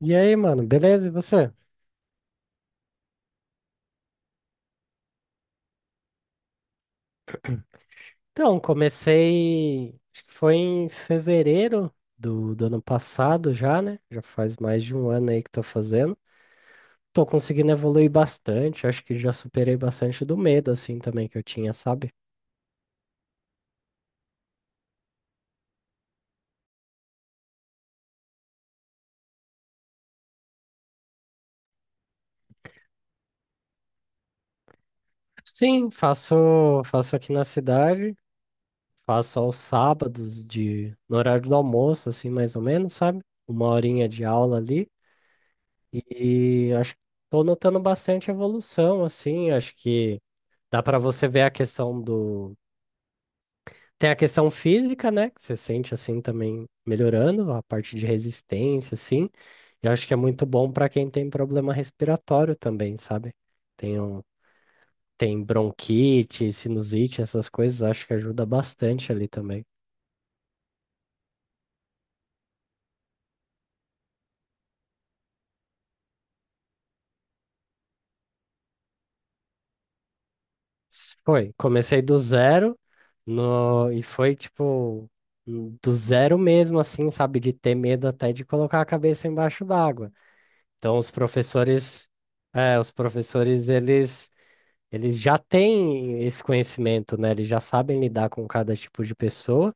E aí, mano, beleza? E você? Então, comecei, acho que foi em fevereiro do ano passado já, né? Já faz mais de um ano aí que tô fazendo. Tô conseguindo evoluir bastante, acho que já superei bastante do medo, assim, também que eu tinha, sabe? Sim, faço aqui na cidade, faço aos sábados no horário do almoço, assim, mais ou menos, sabe? Uma horinha de aula ali. E acho que tô notando bastante evolução, assim, acho que. Dá para você ver a questão do. Tem a questão física, né? Que você sente assim também melhorando, a parte de resistência, assim. Eu acho que é muito bom para quem tem problema respiratório também, sabe? Tem, um... tem bronquite, sinusite, essas coisas, acho que ajuda bastante ali também. Foi, comecei do zero no... e foi tipo do zero mesmo, assim, sabe? De ter medo até de colocar a cabeça embaixo d'água. Então, os professores, eles já têm esse conhecimento, né? Eles já sabem lidar com cada tipo de pessoa.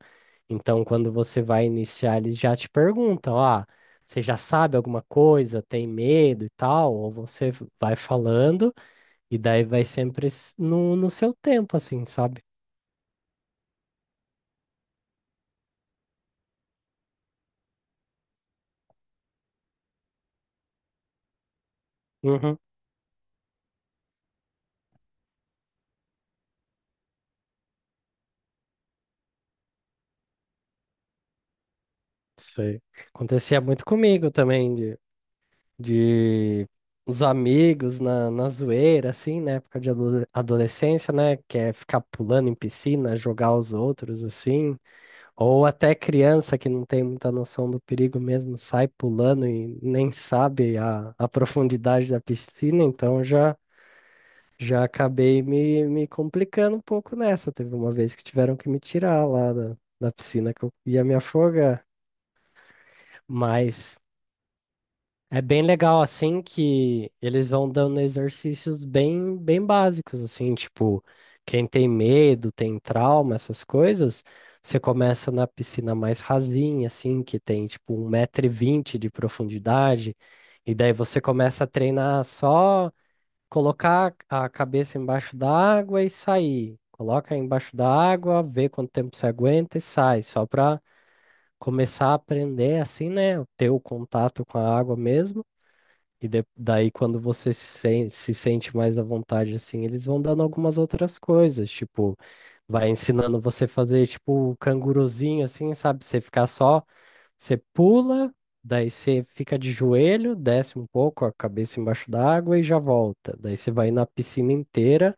Então, quando você vai iniciar, eles já te perguntam, ah, você já sabe alguma coisa, tem medo e tal? Ou você vai falando e daí vai sempre no seu tempo, assim, sabe? Uhum. Sei. Acontecia muito comigo também, de os amigos na zoeira, assim, na época de adolescência, né? Que é ficar pulando em piscina, jogar os outros, assim. Ou até criança que não tem muita noção do perigo mesmo, sai pulando e nem sabe a profundidade da piscina, então já. Já acabei me complicando um pouco nessa. Teve uma vez que tiveram que me tirar lá da piscina que eu ia me afogar. Mas é bem legal assim que eles vão dando exercícios bem básicos assim, tipo, quem tem medo, tem trauma, essas coisas, você começa na piscina mais rasinha assim, que tem tipo 1,20 m de profundidade, e daí você começa a treinar só colocar a cabeça embaixo da água e sair. Coloca embaixo da água, vê quanto tempo você aguenta e sai, só para começar a aprender assim, né, ter o contato com a água mesmo. E daí, quando você se sente mais à vontade, assim, eles vão dando algumas outras coisas, tipo, vai ensinando você a fazer, tipo, o canguruzinho, assim, sabe? Você ficar só, você pula, daí você fica de joelho, desce um pouco, a cabeça embaixo d'água e já volta. Daí você vai na piscina inteira,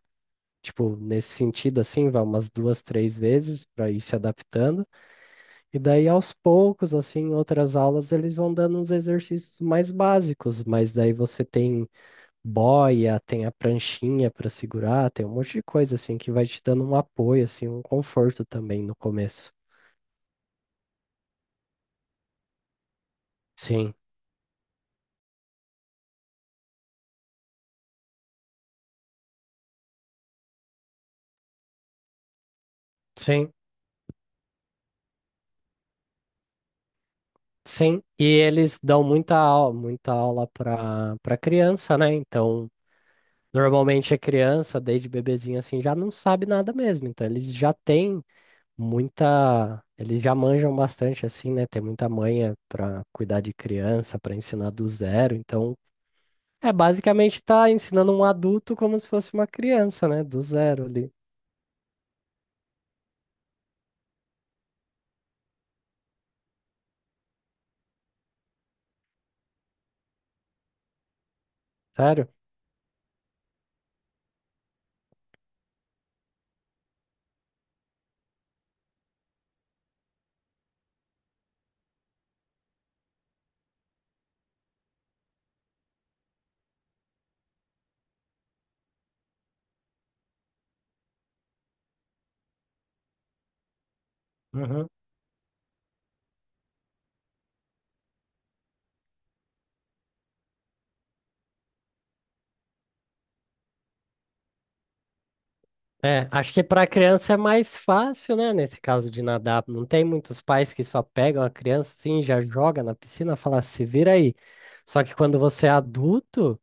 tipo, nesse sentido, assim, vai umas duas, três vezes para ir se adaptando. E daí, aos poucos, assim, em outras aulas, eles vão dando uns exercícios mais básicos, mas daí você tem boia, tem a pranchinha para segurar, tem um monte de coisa assim que vai te dando um apoio, assim, um conforto também no começo. Sim, sim, sim. E eles dão muita aula para criança, né? Então, normalmente a criança, desde bebezinha assim, já não sabe nada mesmo. Então, eles já têm muita, eles já manjam bastante assim, né? Tem muita manha para cuidar de criança, para ensinar do zero. Então, é, basicamente tá ensinando um adulto como se fosse uma criança, né? Do zero ali. Sério? Uhum. É, acho que para criança é mais fácil, né? Nesse caso de nadar. Não tem muitos pais que só pegam a criança assim, já joga na piscina, fala, se vira aí. Só que quando você é adulto,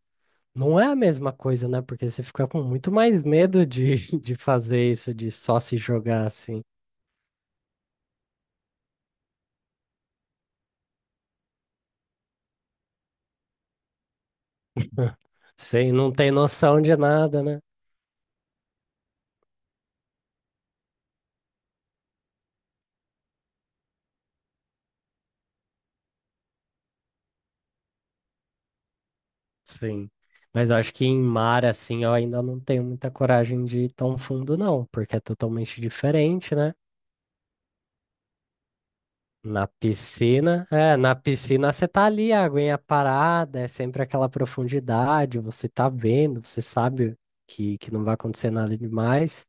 não é a mesma coisa, né? Porque você fica com muito mais medo de, de fazer isso, de só se jogar assim. Sem, não tem noção de nada, né? Sim. Mas eu acho que em mar, assim, eu ainda não tenho muita coragem de ir tão fundo, não, porque é totalmente diferente, né? Na piscina você tá ali, a aguinha parada, é sempre aquela profundidade, você tá vendo, você sabe que não vai acontecer nada demais.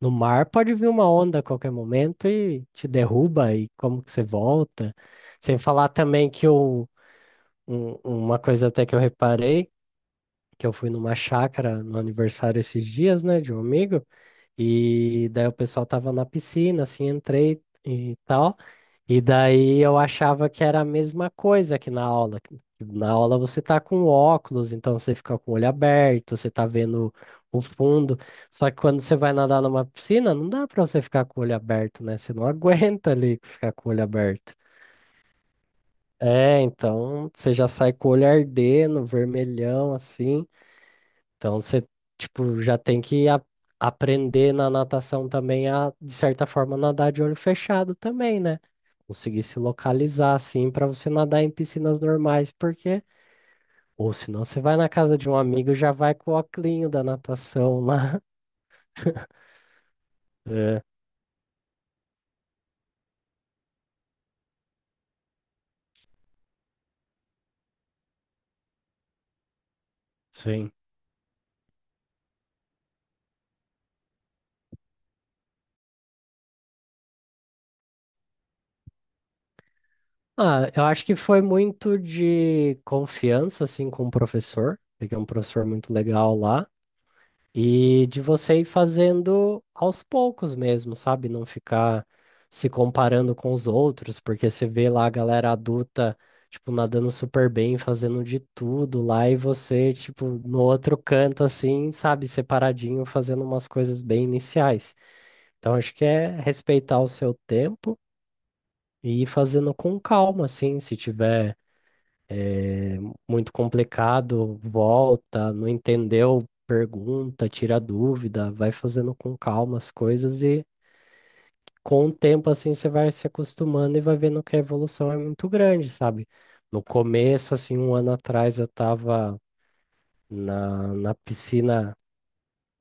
No mar pode vir uma onda a qualquer momento e te derruba, e como que você volta? Sem falar também que uma coisa até que eu reparei, que eu fui numa chácara no aniversário esses dias, né, de um amigo, e daí o pessoal tava na piscina, assim, entrei e tal, e daí eu achava que era a mesma coisa que na aula. Que Na aula você tá com óculos, então você fica com o olho aberto, você tá vendo o fundo. Só que quando você vai nadar numa piscina, não dá pra você ficar com o olho aberto, né? Você não aguenta ali ficar com o olho aberto. É, então você já sai com o olho ardendo, vermelhão, assim. Então você, tipo, já tem que aprender na natação também a, de certa forma, nadar de olho fechado também, né? Conseguir se localizar assim para você nadar em piscinas normais, porque ou senão você vai na casa de um amigo e já vai com o óculinho da natação lá. É, sim. Ah, eu acho que foi muito de confiança assim com o professor. Peguei um professor muito legal lá. E de você ir fazendo aos poucos mesmo, sabe? Não ficar se comparando com os outros, porque você vê lá a galera adulta, tipo, nadando super bem, fazendo de tudo lá, e você, tipo, no outro canto, assim, sabe, separadinho, fazendo umas coisas bem iniciais. Então, acho que é respeitar o seu tempo e ir fazendo com calma, assim, se tiver muito complicado, volta, não entendeu, pergunta, tira dúvida, vai fazendo com calma as coisas e com o tempo assim você vai se acostumando e vai vendo que a evolução é muito grande, sabe? No começo, assim, um ano atrás eu tava na piscina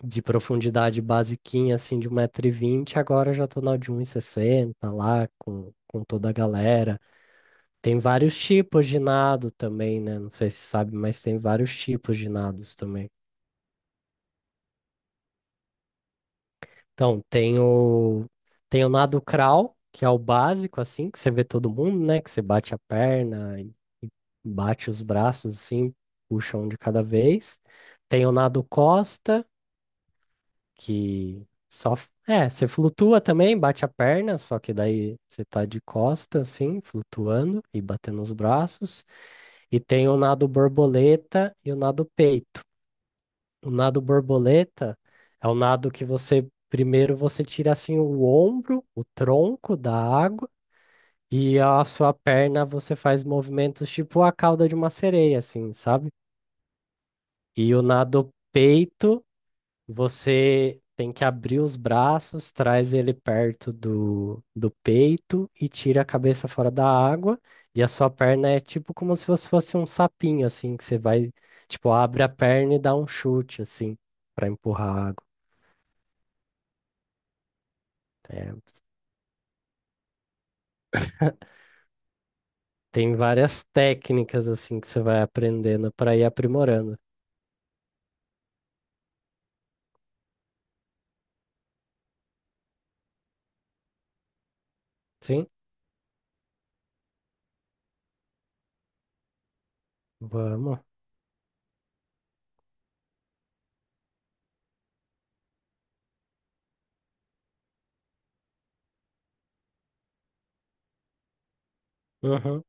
de profundidade basiquinha, assim, de 1,20 m agora eu já tô na de 160 sessenta lá com, toda a galera. Tem vários tipos de nado também, né? Não sei se sabe, mas tem vários tipos de nados também. Então, tem o nado crawl, que é o básico, assim, que você vê todo mundo, né? Que você bate a perna, e bate os braços, assim, puxa um de cada vez. Tem o nado costa, que só... É, você flutua também, bate a perna, só que daí você tá de costa, assim, flutuando e batendo os braços. E tem o nado borboleta e o nado peito. O nado borboleta é o nado que você primeiro você tira assim o ombro, o tronco da água e a sua perna você faz movimentos tipo a cauda de uma sereia assim, sabe? E o nado peito você tem que abrir os braços, traz ele perto do peito e tira a cabeça fora da água e a sua perna é tipo como se você fosse um sapinho assim que você vai tipo abre a perna e dá um chute assim para empurrar a água. É, tem várias técnicas assim que você vai aprendendo para ir aprimorando. Sim, vamos. Uhum.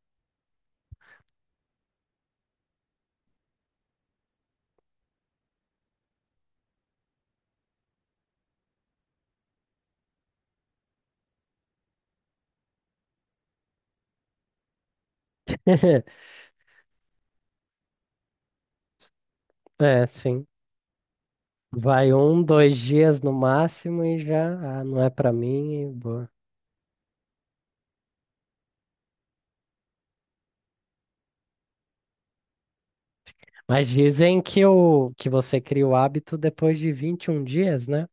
É, sim. Vai um, dois dias no máximo e já, ah, não é para mim, e boa. Mas dizem que o que você cria o hábito depois de 21 dias, né?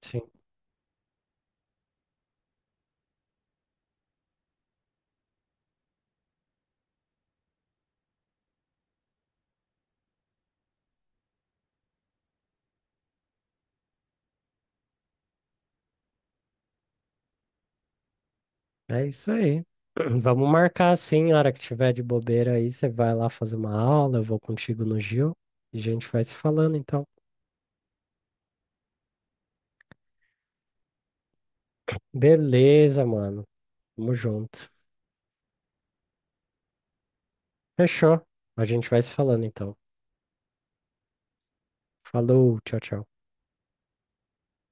Sim. É isso aí. Vamos marcar assim, a hora que tiver de bobeira aí, você vai lá fazer uma aula, eu vou contigo no Gil e a gente vai se falando então. Beleza, mano. Tamo junto. Fechou. A gente vai se falando então. Falou, tchau, tchau.